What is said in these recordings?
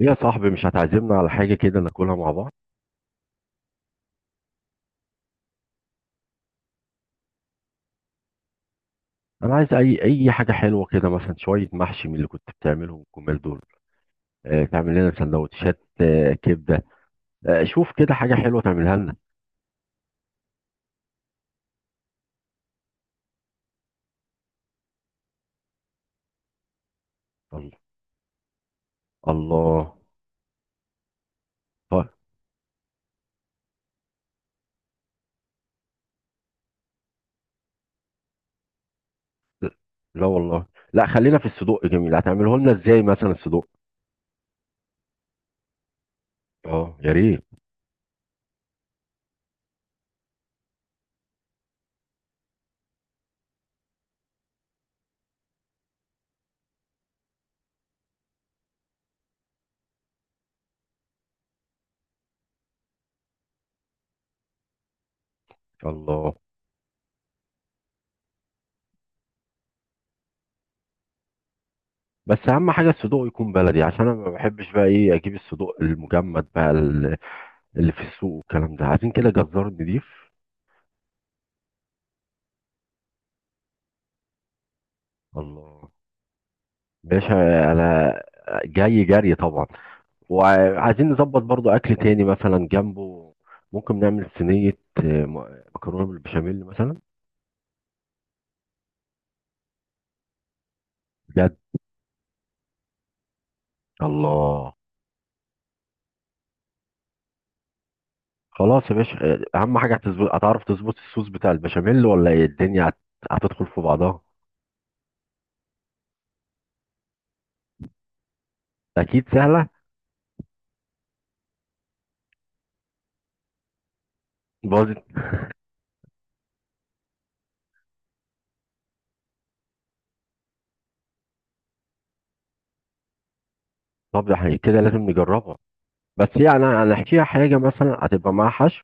إيه يا صاحبي، مش هتعزمنا على حاجة كده ناكلها مع بعض؟ أنا عايز أي حاجة حلوة كده، مثلا شوية محشي من اللي كنت بتعملهم الجمال دول. تعمل لنا سندوتشات، كبدة. شوف كده حاجة حلوة تعملها لنا. الله. الله. طيب. لا والله. لا، خلينا في الصدوق. جميل، هتعمله لنا إزاي مثلا الصدوق؟ أه، يا ريت. الله. بس أهم حاجة الصدوق يكون بلدي، عشان أنا ما بحبش بقى إيه، أجيب الصدوق المجمد بقى اللي في السوق والكلام ده. عايزين كده جزار نضيف. الله. باشا. انا جاي جري طبعا. وعايزين نظبط برضو اكل تاني مثلا جنبه. ممكن نعمل صينية مكرونة بالبشاميل مثلا. بجد. الله. خلاص يا باشا. اهم حاجة هتظبط، هتعرف تظبط الصوص بتاع البشاميل ولا ايه الدنيا هتدخل في بعضها؟ اكيد سهلة. باظت. طب ده احنا كده لازم نجربها. بس يعني هنحكيها حاجة مثلا هتبقى معاها حشو؟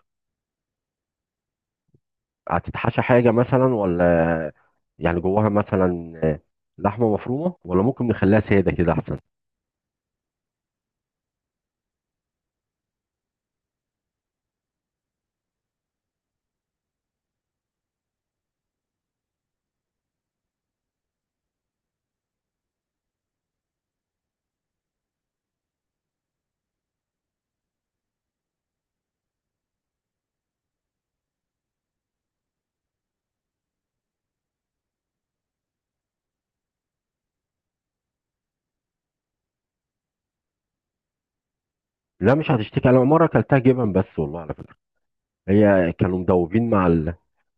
هتتحشى حاجة مثلا، ولا يعني جواها مثلا لحمة مفرومة، ولا ممكن نخليها سادة كده أحسن؟ لا مش هتشتكي. أنا مرة أكلتها جبن بس، والله على فكرة. هي كانوا مدوبين مع ال...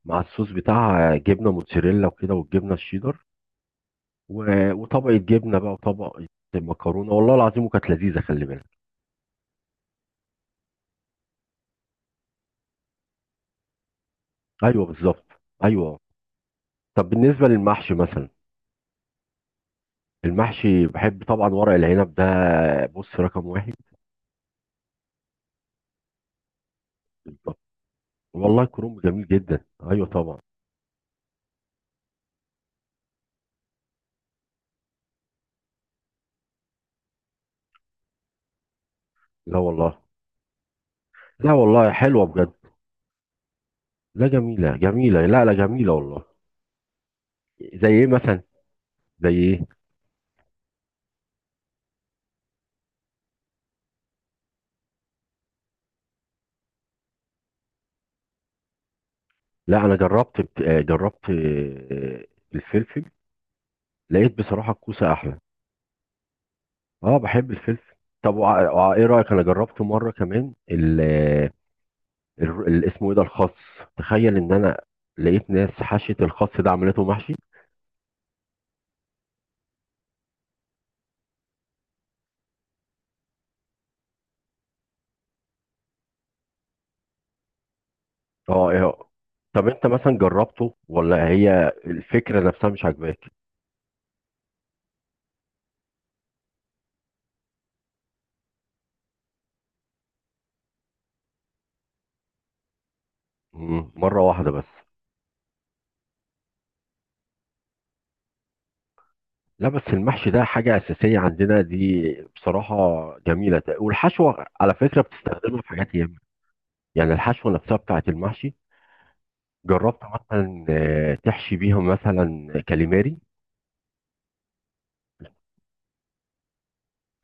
مع الصوص بتاعها، جبنة موتزاريلا وكده، والجبنة الشيدر، و... وطبقة جبنة بقى وطبقة مكرونة، والله العظيم، وكانت لذيذة، خلي بالك. أيوه بالظبط. أيوه. طب بالنسبة للمحشي مثلا، المحشي بحب طبعا ورق العنب ده، بص، رقم واحد. بالظبط. والله كرنب جميل جدا. أيوه طبعا. لا والله. لا والله، حلوة بجد. لا، جميلة جميلة، لا لا، جميلة والله. زي ايه مثلا؟ زي ايه؟ لا انا جربت جربت الفلفل. لقيت بصراحة الكوسة احلى. اه، بحب الفلفل. طب ايه رأيك، انا جربت مرة كمان ال آه، ال- ال- اسمه ايه ده، الخس. تخيل ان انا لقيت ناس حشت الخس ده، عملته محشي. اه، ايه. طب انت مثلا جربته، ولا هي الفكرة نفسها مش عاجباك؟ مرة واحدة بس. لا، بس المحشي ده حاجة أساسية عندنا دي، بصراحة. جميلة، والحشوة على فكرة بتستخدمها في حاجات ياما. يعني الحشوة نفسها بتاعة المحشي، جربت مثلا تحشي بيهم مثلا كاليماري؟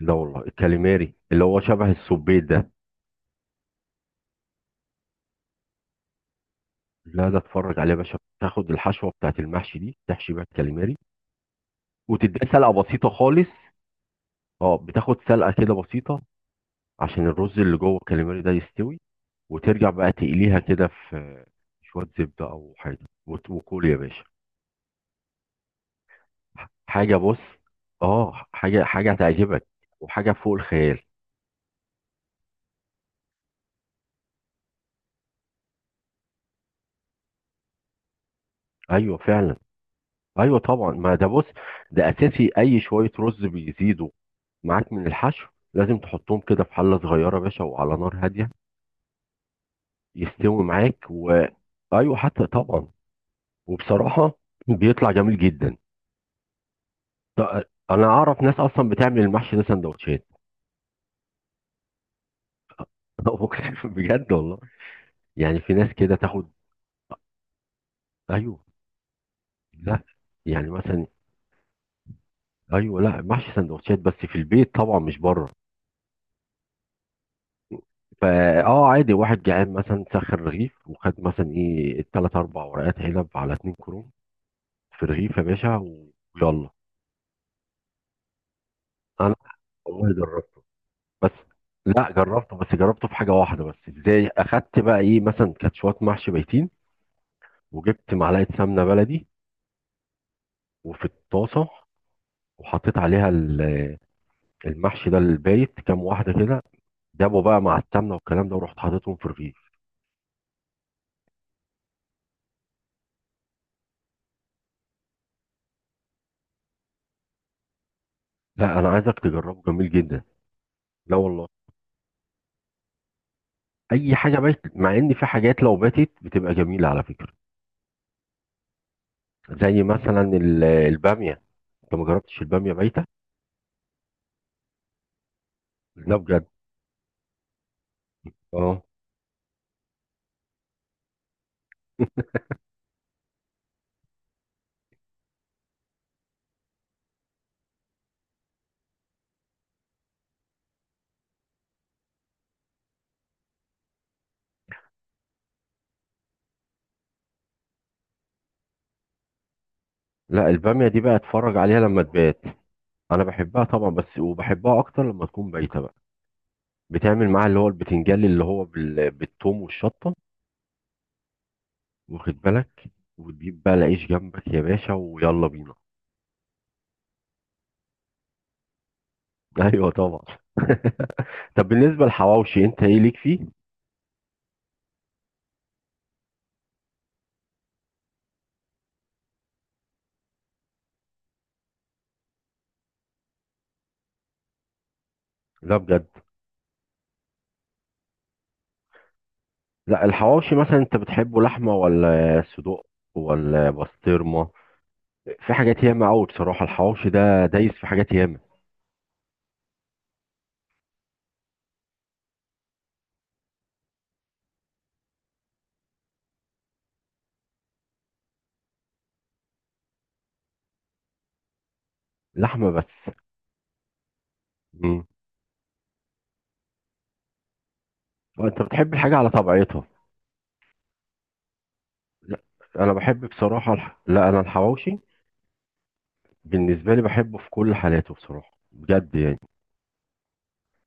لا والله، الكاليماري اللي هو شبه السبيت ده. لا، ده اتفرج عليه يا باشا. بتاخد الحشوة بتاعة المحشي دي، تحشي بيها الكاليماري، وتديها سلقة بسيطة خالص. اه، بتاخد سلقة كده بسيطة، عشان الرز اللي جوه الكاليماري ده يستوي. وترجع بقى تقليها كده في شوية زبدة أو حاجة. وكل يا باشا حاجة. بص، اه، حاجة حاجة هتعجبك، وحاجة فوق الخيال. أيوه فعلا. أيوه طبعا، ما ده بص، ده أساسي. أي شوية رز بيزيدوا معاك من الحشو، لازم تحطهم كده في حلة صغيرة يا باشا وعلى نار هادية، يستوي معاك. و أيوه حتى طبعا. وبصراحة بيطلع جميل جدا. أنا أعرف ناس أصلا بتعمل المحشي ده سندوتشات. بجد والله. يعني في ناس كده تاخد. ايوه. لا يعني مثلا، ايوه. لا، محشي سندوتشات بس في البيت طبعا مش بره. فا عادي، واحد جعان مثلا سخن رغيف، وخد مثلا ايه التلات اربع ورقات عنب على اتنين كروم في رغيف يا باشا ويلا. انا، والله جربت. بس لا، جربته. بس جربته في حاجه واحده بس. ازاي؟ اخدت بقى ايه مثلا، كانت شويه محشي بيتين، وجبت معلقه سمنه بلدي وفي الطاسه، وحطيت عليها المحشي ده البايت كام واحده كده. جابوا بقى مع السمنه والكلام ده، ورحت حاططهم في الرغيف. لا انا عايزك تجربه، جميل جدا. لا والله، اي حاجه باتت، مع ان في حاجات لو باتت بتبقى جميله على فكره. زي مثلا الباميه، انت ما جربتش الباميه بايته؟ لا بجد. اه. لا الباميه دي بقى اتفرج عليها لما تبات. انا بحبها طبعا، بس وبحبها اكتر لما تكون بايته بقى. بتعمل معاها اللي هو البتنجان اللي هو بال... بالثوم والشطه. واخد بالك؟ وتجيب بقى العيش جنبك يا باشا، ويلا بينا. ايوه طبعا. طب بالنسبة للحواوشي انت ايه ليك فيه؟ لا بجد. لا، الحواوشي مثلا انت بتحبه لحمة، ولا صدوق، ولا بسطرمة؟ في حاجات ياما قوي بصراحة، الحواوشي ده دايس في حاجات ياما. لحمة بس. امم. وانت بتحب الحاجة على طبيعتها. لا انا بحب بصراحة الح... لا انا الحواوشي بالنسبة لي بحبه في كل حالاته بصراحة بجد يعني.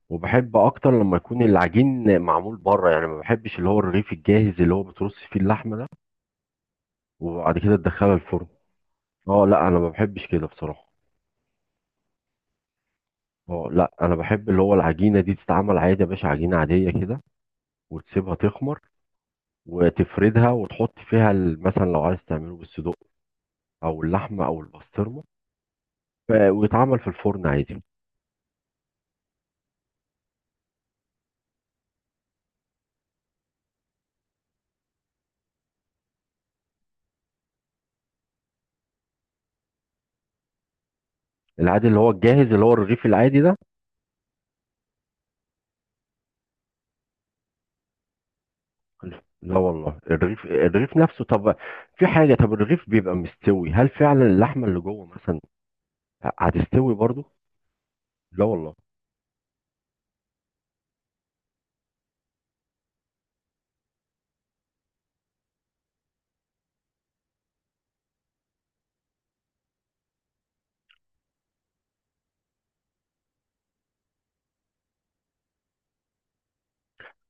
وبحب اكتر لما يكون العجين معمول بره، يعني ما بحبش اللي هو الرغيف الجاهز اللي هو بترص فيه اللحمة ده، وبعد كده تدخلها الفرن. اه لا، انا ما بحبش كده بصراحة. اه لا، انا بحب اللي هو العجينه دي تتعمل عادي يا باشا، عجينه عاديه كده، وتسيبها تخمر، وتفردها، وتحط فيها مثلا لو عايز تعمله بالصدق، او اللحمه، او البسطرمه. ويتعمل في الفرن عادي. العادي اللي هو الجاهز اللي هو الرغيف العادي ده؟ لا والله، الرغيف الرغيف نفسه. طب في حاجه، طب الرغيف بيبقى مستوي، هل فعلا اللحمه اللي جوه مثلا هتستوي برضو؟ لا والله.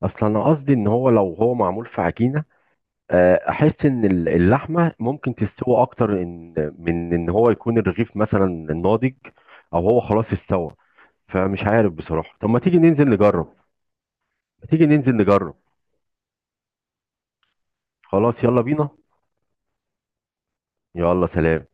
اصل انا قصدي ان هو لو هو معمول في عجينه، احس ان اللحمه ممكن تستوى اكتر، إن من ان هو يكون الرغيف مثلا ناضج، او هو خلاص استوى. فمش عارف بصراحه، طب ما تيجي ننزل نجرب، ما تيجي ننزل نجرب. خلاص يلا بينا. يلا سلام.